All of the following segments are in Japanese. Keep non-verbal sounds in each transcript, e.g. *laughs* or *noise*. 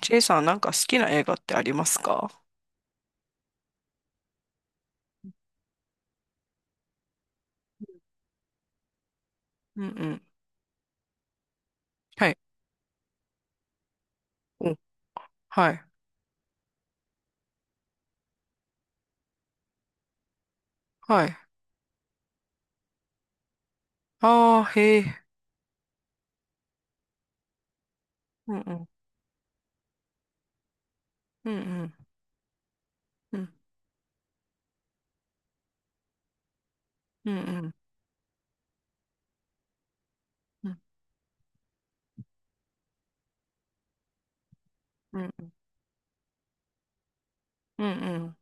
ジェイさんなんか好きな映画ってありますか？うんうん。はい。お。はいはい。あへえ。うんうんうんうんうんうんうんうんうんうん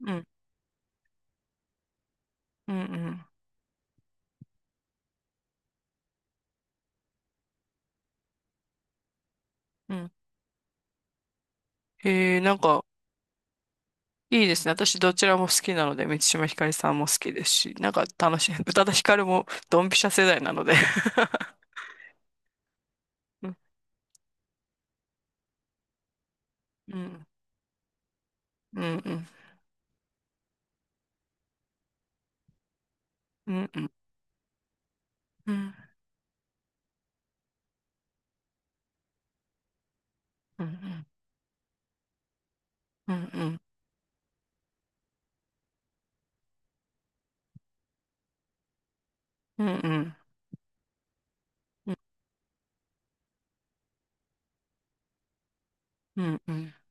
うんうんうん。へえ。いいですね。私どちらも好きなので、三島ひかりさんも好きですし、楽しい。宇多田ヒカルもドンピシャ世代なので。うんうんうんうんうんうんうんうんうんうんうんうんうんうん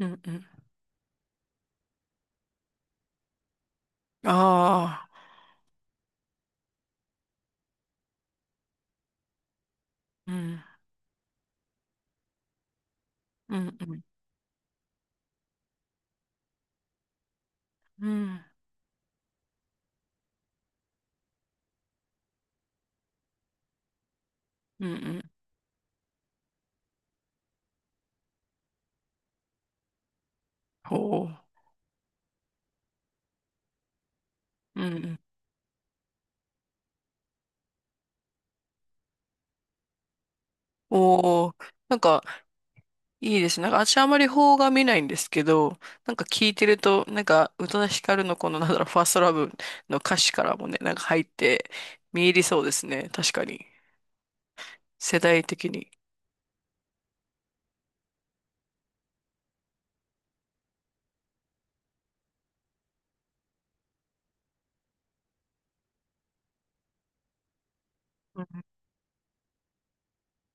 うんうん。ああ、うん、うん、うん、うん、うん、うん。ほう、うん、うん。おー、なんか、いいですね。私あまり邦画見ないんですけど、聞いてると、宇多田ヒカルのこの、ファーストラブの歌詞からもね、入って、見入りそうですね。確かに。世代的に。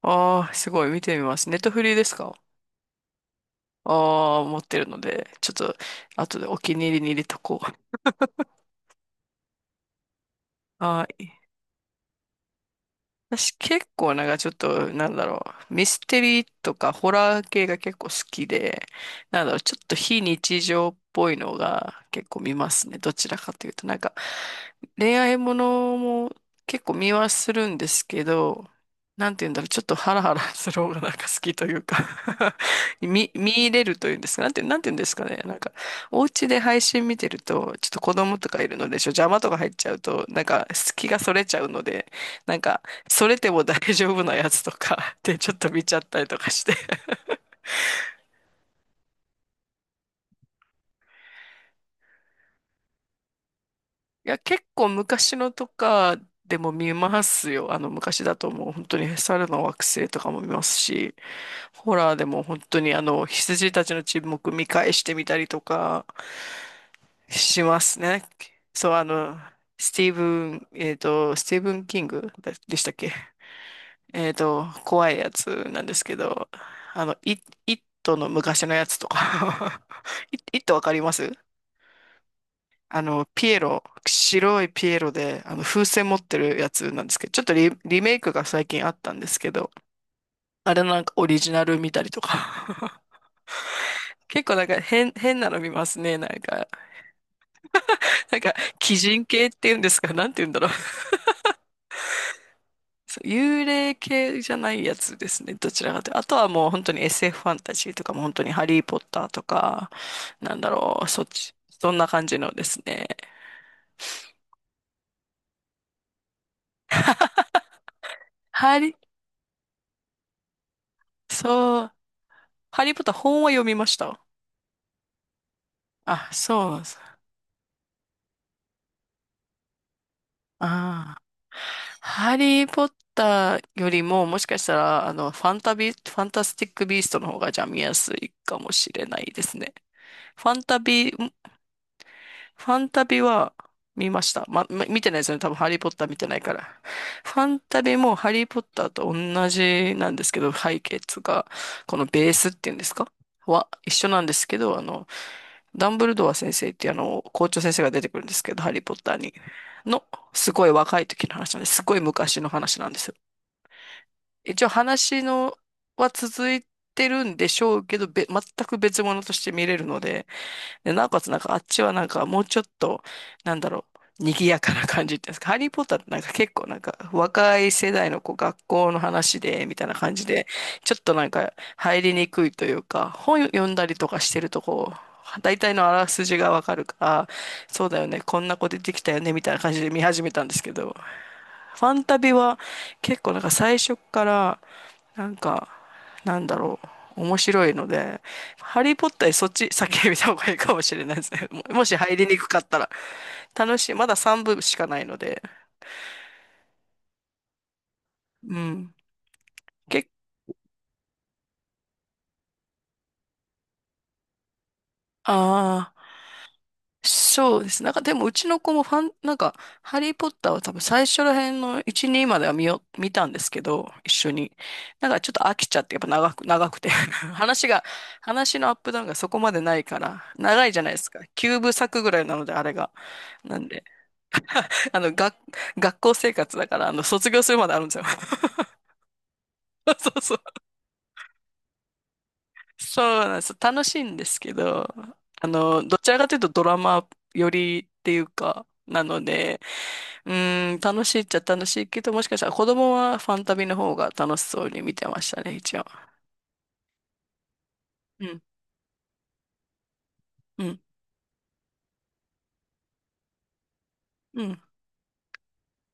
ああー、すごい、見てみます。ネットフリーですか？ああー、持ってるので、ちょっと、後でお気に入りに入れとこう。はい。私結構ちょっと、ミステリーとかホラー系が結構好きで、ちょっと非日常っぽいのが結構見ますね。どちらかというと、恋愛ものも結構見はするんですけど、なんて言うんだろう、ちょっとハラハラする方が *laughs* 好きというか、 *laughs* 見入れるというんですか、なんて言うんですかね。お家で配信見てると、ちょっと子供とかいるので、邪魔とか入っちゃうと、隙がそれちゃうので、なんか、それでも大丈夫なやつとか *laughs* でちょっと見ちゃったりとかして。いや、結構昔のとかでも見ますよ。あの、昔だともう本当に猿の惑星とかも見ますし、ホラーでも本当にあの、羊たちの沈黙見返してみたりとかしますね。そう、あの、スティーブン・キングでしたっけ？えっと、怖いやつなんですけど、あの、イットの昔のやつとか、 *laughs* イットわかります？あの、ピエロ、白いピエロで、あの、風船持ってるやつなんですけど、ちょっとリメイクが最近あったんですけど、あれなんかオリジナル見たりとか。*laughs* 結構なんか変なの見ますね、なんか。なんか、鬼人系っていうんですか、なんて言うんだろう。そう、幽霊系じゃないやつですね、どちらかというと。あとはもう本当に SFファンタジーとかも本当にハリーポッターとか、そっち、そんな感じのですね。ハリ、そう、ハリーポッター本は読みました。あ、そうなんです。ああ。ハリー・ポッターよりも、もしかしたら、あの、ファンタスティック・ビーストの方が、じゃあ見やすいかもしれないですね。ファンタビファンタビは見ました。ま見てないですよね。多分ハリーポッター見てないから。ファンタビもハリーポッターと同じなんですけど、背景つが、このベースっていうんですかは一緒なんですけど、あの、ダンブルドア先生っていうあの、校長先生が出てくるんですけど、ハリーポッターに。の、すごい若い時の話なんです。すごい昔の話なんですよ。一応話のは続いてるんでしょうけど、全く別物として見れるので、で、なおかつなんかあっちはなんかもうちょっと、なんだろ賑やかな感じっていうんですか。ハリーポッターってなんか結構なんか若い世代のこう学校の話で、みたいな感じで、ちょっとなんか入りにくいというか、本読んだりとかしてるとこう、大体のあらすじがわかるから、そうだよね、こんな子出てきたよね、みたいな感じで見始めたんですけど、ファンタビは結構なんか最初からなんか、なんだろ面白いので、ハリー・ポッターよそっち先に見た方がいいかもしれないですね。*laughs* もし入りにくかったら。楽しい。まだ3部しかないので。うん。け、ああ、そうですね。なんかでもうちの子もファン、なんか、ハリー・ポッターは多分最初ら辺の1、2までは見たんですけど、一緒に。なんかちょっと飽きちゃって、やっぱ長くて。*laughs* 話のアップダウンがそこまでないから、長いじゃないですか。9部作ぐらいなので、あれが。なんで、*laughs* あの、が、学校生活だから、あの、卒業するまであるんですよ。*laughs* そうそう。そうなんです。楽しいんですけど、あの、どちらかというとドラマ寄りっていうか、なので、うーん、楽しいっちゃ楽しいけど、もしかしたら子供はファンタビの方が楽しそうに見てましたね、一応。うん、うん、うん。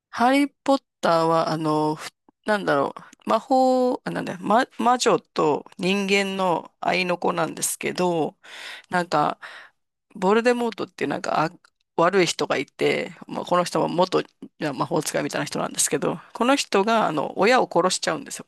ハリー・ポッターは、あの、ふなんだろう、魔法、あ、なんだま、魔女と人間の愛の子なんですけど、なんか、ボルデモートっていうなんか、あ、悪い人がいて、まあ、この人は元魔法使いみたいな人なんですけど、この人が、あの、親を殺しちゃうんですよ。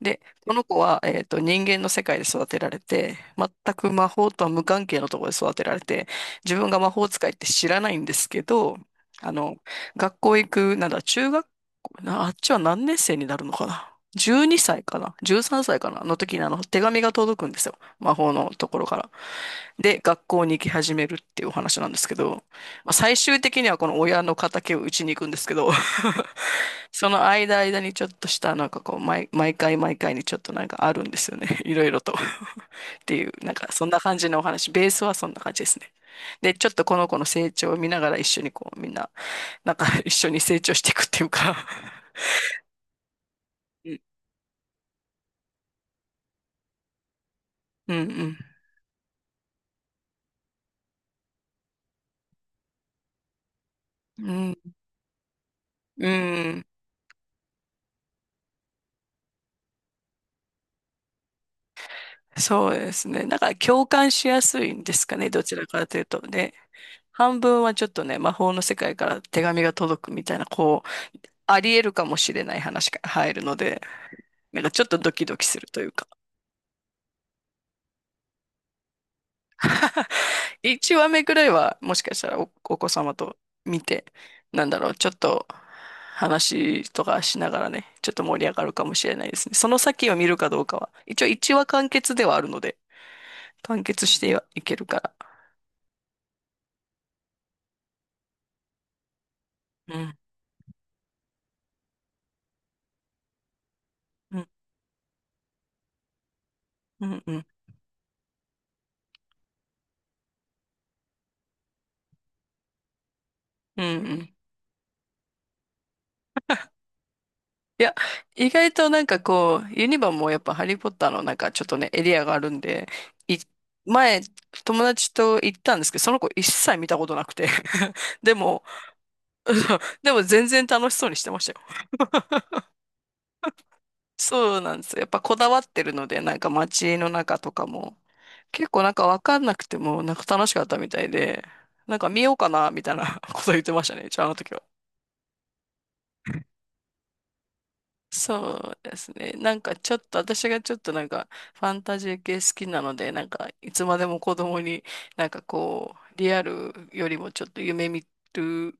で、この子は、えっと、人間の世界で育てられて、全く魔法とは無関係のところで育てられて、自分が魔法使いって知らないんですけど、あの、学校行くなら中学校、なあっちは何年生になるのかな？ 12 歳かな？ 13 歳かなの時にあの手紙が届くんですよ。魔法のところから。で、学校に行き始めるっていうお話なんですけど、まあ、最終的にはこの親の敵を打ちに行くんですけど、*laughs* その間間にちょっとしたなんかこう毎回毎回にちょっとなんかあるんですよね。*laughs* いろいろと。っていう、なんかそんな感じのお話。ベースはそんな感じですね。で、ちょっとこの子の成長を見ながら一緒にこうみんななんか一緒に成長していくっていうか。うん。うんうん。うん。うん。そうですね。なんか共感しやすいんですかね。どちらかというと。ね、半分はちょっとね、魔法の世界から手紙が届くみたいな、こう、あり得るかもしれない話が入るので、なんかちょっとドキドキするというか、1話目くらいはもしかしたらお子様と見て、ちょっと話とかしながらね、ちょっと盛り上がるかもしれないですね。その先を見るかどうかは、一応1話完結ではあるので、完結してはいけるから。うん、うん、うん、うん、うん。うん。いや、意外となんかこう、ユニバもやっぱハリーポッターのなんかちょっとね、エリアがあるんで、い、前、友達と行ったんですけど、その子一切見たことなくて、 *laughs* でも、*laughs* でも全然楽しそうにしてましたよ。そうなんですよ。やっぱこだわってるので、なんか街の中とかも、結構なんかわかんなくても、なんか楽しかったみたいで、なんか見ようかな、みたいな *laughs* こと言ってましたね、じゃああの時は。そうですね。なんかちょっと、私がちょっとなんかファンタジー系好きなので、なんかいつまでも子供になんかこう、リアルよりもちょっとる、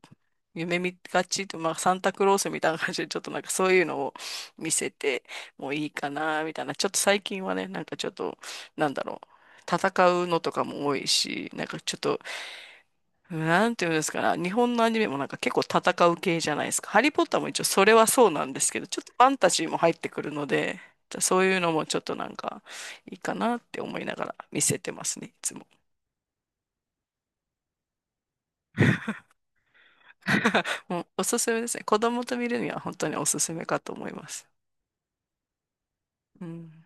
夢見がちと、まあサンタクロースみたいな感じでちょっとなんかそういうのを見せてもういいかな、みたいな。ちょっと最近はね、なんかちょっと、なんだろう。戦うのとかも多いし、なんかちょっとなんていうんですかね。日本のアニメもなんか結構戦う系じゃないですか。ハリー・ポッターも一応それはそうなんですけど、ちょっとファンタジーも入ってくるので、じゃあそういうのもちょっとなんかいいかなって思いながら見せてますね、いつも。*laughs* もうおすすめですね。子供と見るには本当におすすめかと思います。うん。